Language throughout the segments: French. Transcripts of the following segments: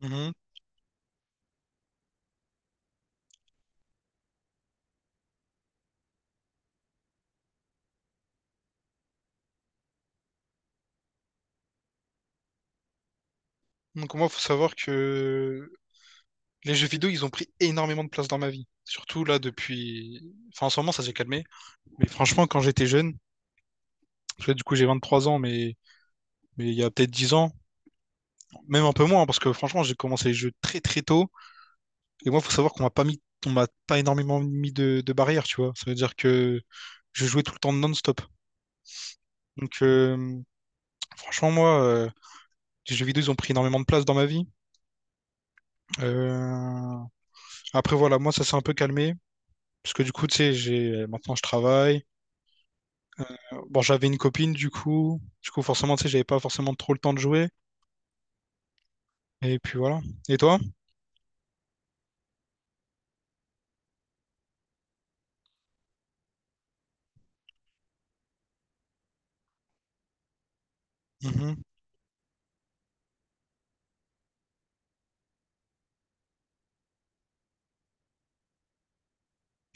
Mhm. Donc moi, faut savoir que les jeux vidéo, ils ont pris énormément de place dans ma vie. Surtout là depuis… Enfin, en ce moment, ça s'est calmé. Mais franchement, quand j'étais jeune, parce que du coup, j'ai 23 ans, mais… mais il y a peut-être 10 ans, même un peu moins, parce que franchement, j'ai commencé les jeux très très tôt. Et moi, faut savoir qu'on m'a pas mis… On m'a pas énormément mis de… de barrières, tu vois. Ça veut dire que je jouais tout le temps non-stop. Donc, franchement, moi, les jeux vidéo, ils ont pris énormément de place dans ma vie. Euh, Après, voilà, moi, ça s'est un peu calmé. Parce que du coup, tu sais, j'ai maintenant je travaille. Bon, j'avais une copine du coup. Du coup, forcément, tu sais, j'avais pas forcément trop le temps de jouer. Et puis voilà. Et toi? Mhm.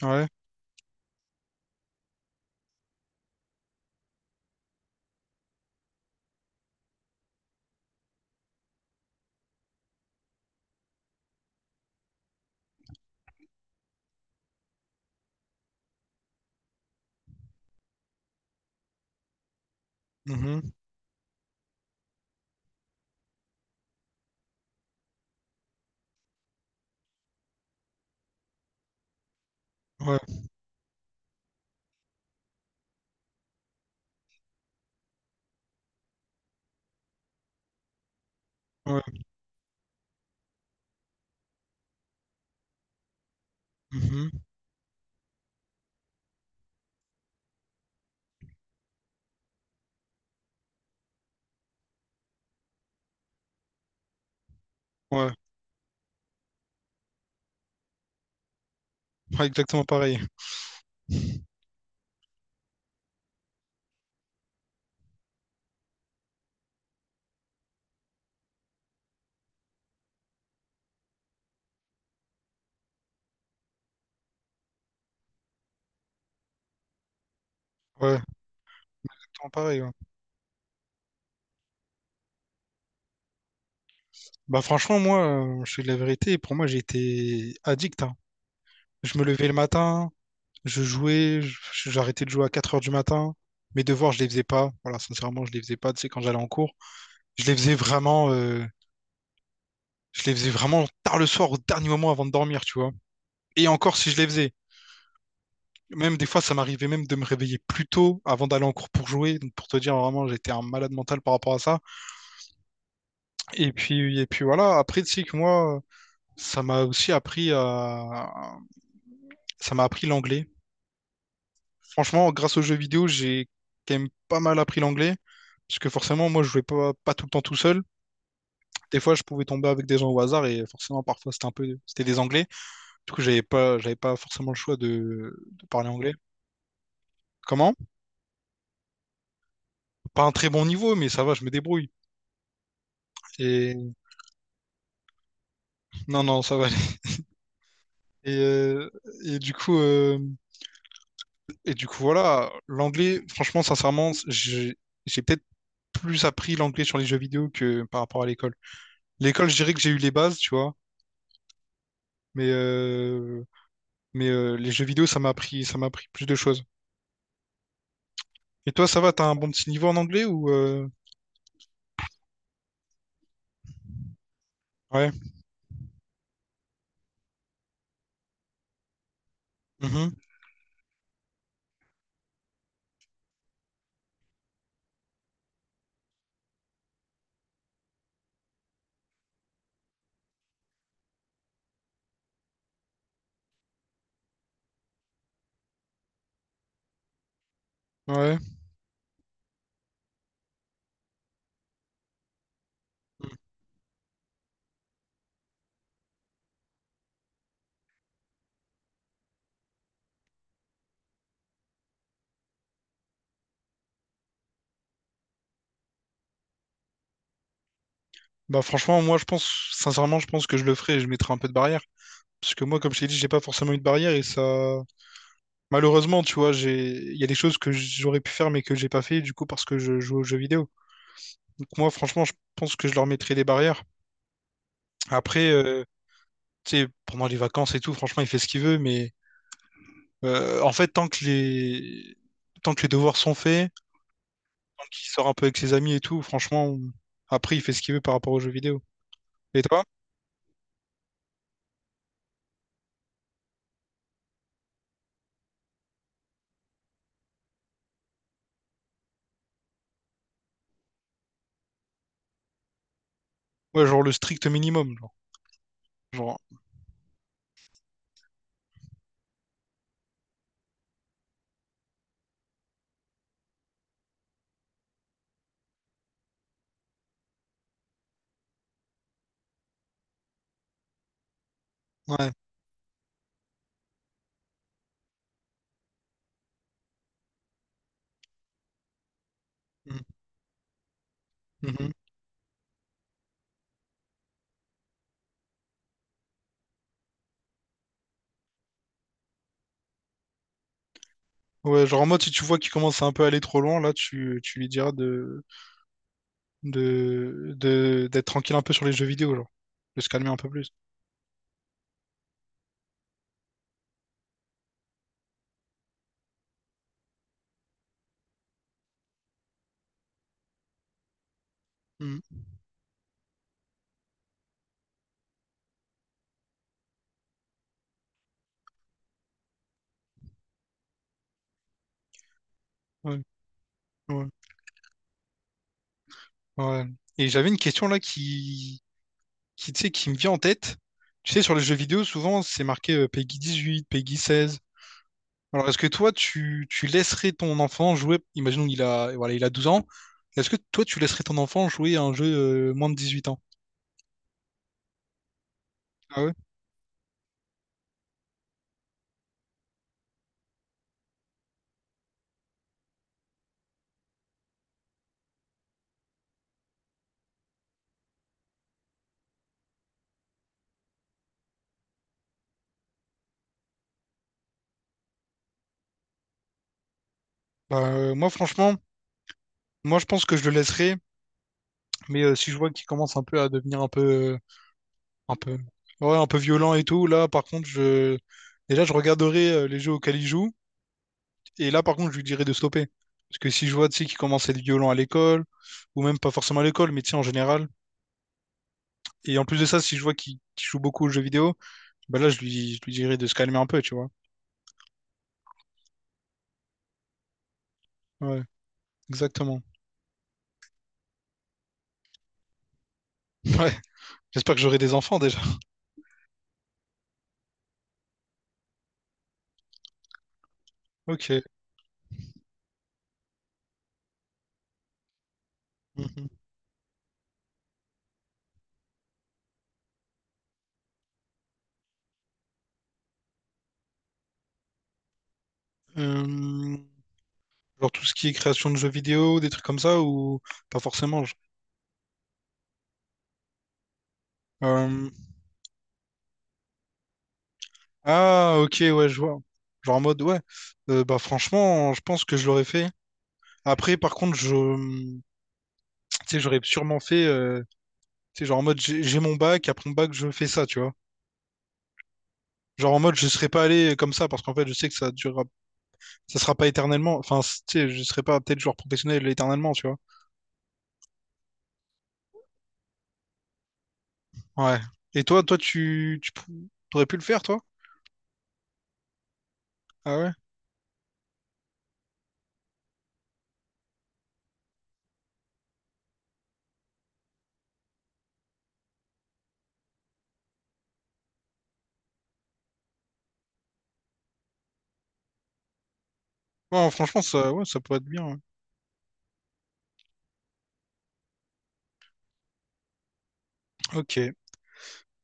Ouais. Mhm. Ouais. Ouais. Mhm. Ouais. Ouais, exactement pareil. Ouais, exactement pareil. Ouais. Bah franchement, moi, je suis de la vérité. Pour moi, j'ai été addict, hein. Je me levais le matin, je jouais, j'arrêtais de jouer à 4 heures du matin. Mes devoirs, je les faisais pas. Voilà, sincèrement, je les faisais pas, tu sais, quand j'allais en cours. Je les faisais vraiment, je les faisais vraiment tard le soir, au dernier moment avant de dormir, tu vois. Et encore, si je les faisais. Même des fois, ça m'arrivait même de me réveiller plus tôt avant d'aller en cours pour jouer. Donc, pour te dire, vraiment, j'étais un malade mental par rapport à ça. Et puis voilà. Après, tu sais que moi, ça m'a aussi appris à, ça m'a appris l'anglais. Franchement, grâce aux jeux vidéo, j'ai quand même pas mal appris l'anglais. Parce que forcément, moi, je jouais pas, pas tout le temps tout seul. Des fois, je pouvais tomber avec des gens au hasard et forcément, parfois, c'était des anglais. Du coup, j'avais pas forcément le choix de parler anglais. Comment? Pas un très bon niveau, mais ça va, je me débrouille. Et non, non, ça va aller. Et, et du coup, euh, voilà, l'anglais, franchement, sincèrement, j'ai peut-être plus appris l'anglais sur les jeux vidéo que par rapport à l'école. L'école, je dirais que j'ai eu les bases, tu vois, mais euh, Mais les jeux vidéo, ça m'a appris plus de choses. Et toi, ça va, t'as un bon petit niveau en anglais ou Ouais. Mhm. Ouais. Mm. Bah franchement, moi je pense, sincèrement, je pense que je le ferai et je mettrai un peu de barrière. Parce que moi, comme je t'ai dit, j'ai pas forcément eu de barrière et ça. Malheureusement, tu vois, j'ai. Il y a des choses que j'aurais pu faire mais que j'ai pas fait du coup parce que je joue aux jeux vidéo. Donc moi, franchement, je pense que je leur mettrai des barrières. Après, tu sais, pendant les vacances et tout, franchement, il fait ce qu'il veut, mais en fait, tant que les. Tant que les devoirs sont faits. Qui sort un peu avec ses amis et tout. Franchement, après, il fait ce qu'il veut par rapport aux jeux vidéo. Et toi? Ouais, genre le strict minimum. Genre, Genre, ouais. Mm. Mhm. Ouais, genre en mode, si tu vois qu'il commence à un peu aller trop loin, là, tu lui diras de, d'être tranquille un peu sur les jeux vidéo, genre, de se calmer un peu plus. Mm. Ouais, ouais, ouais. Et j'avais une question là qui, tu sais, qui me vient en tête. Tu sais, sur les jeux vidéo, souvent, c'est marqué PEGI 8, PEGI 16. Alors, est-ce que toi, tu laisserais ton enfant jouer, imaginons qu'il a, voilà, il a 12 ans, est-ce que toi, tu laisserais ton enfant jouer à un jeu moins de 18 ans? Ah ouais? Bah, moi, franchement, moi, je pense que je le laisserais, mais si je vois qu'il commence un peu à devenir un peu, un peu, ouais, un peu violent et tout, là, par contre, je, déjà, je regarderai les jeux auxquels il joue. Et là, par contre, je lui dirais de stopper. Parce que si je vois, tu sais, qu'il commence à être violent à l'école, ou même pas forcément à l'école, mais tu sais, en général. Et en plus de ça, si je vois qu'il joue beaucoup aux jeux vidéo, bah là, je lui dirais de se calmer un peu, tu vois. Ouais, exactement. Ouais, j'espère que j'aurai des enfants déjà. Ok. Mhm. Euh, Genre tout ce qui est création de jeux vidéo, des trucs comme ça, ou pas forcément. Euh, Ah, ok, ouais, je vois. Genre en mode, ouais. Bah franchement, je pense que je l'aurais fait. Après, par contre, je, tu sais, j'aurais sûrement fait. C'est genre en mode j'ai mon bac, après mon bac, je fais ça, tu vois. Genre en mode je serais pas allé comme ça parce qu'en fait je sais que ça durera, ça sera pas éternellement. Enfin, tu sais, je serais pas peut-être joueur professionnel éternellement, tu vois. Ouais. Et toi, toi, t'aurais pu le faire, toi? Ah ouais? Bon, franchement, ça, ouais, ça pourrait être bien. Ouais. Ok.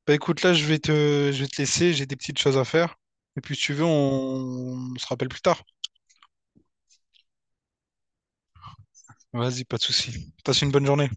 Bah écoute, là, je vais te laisser, j'ai des petites choses à faire. Et puis, si tu veux, on se rappelle plus tard. Vas-y, pas de souci. Passe une bonne journée.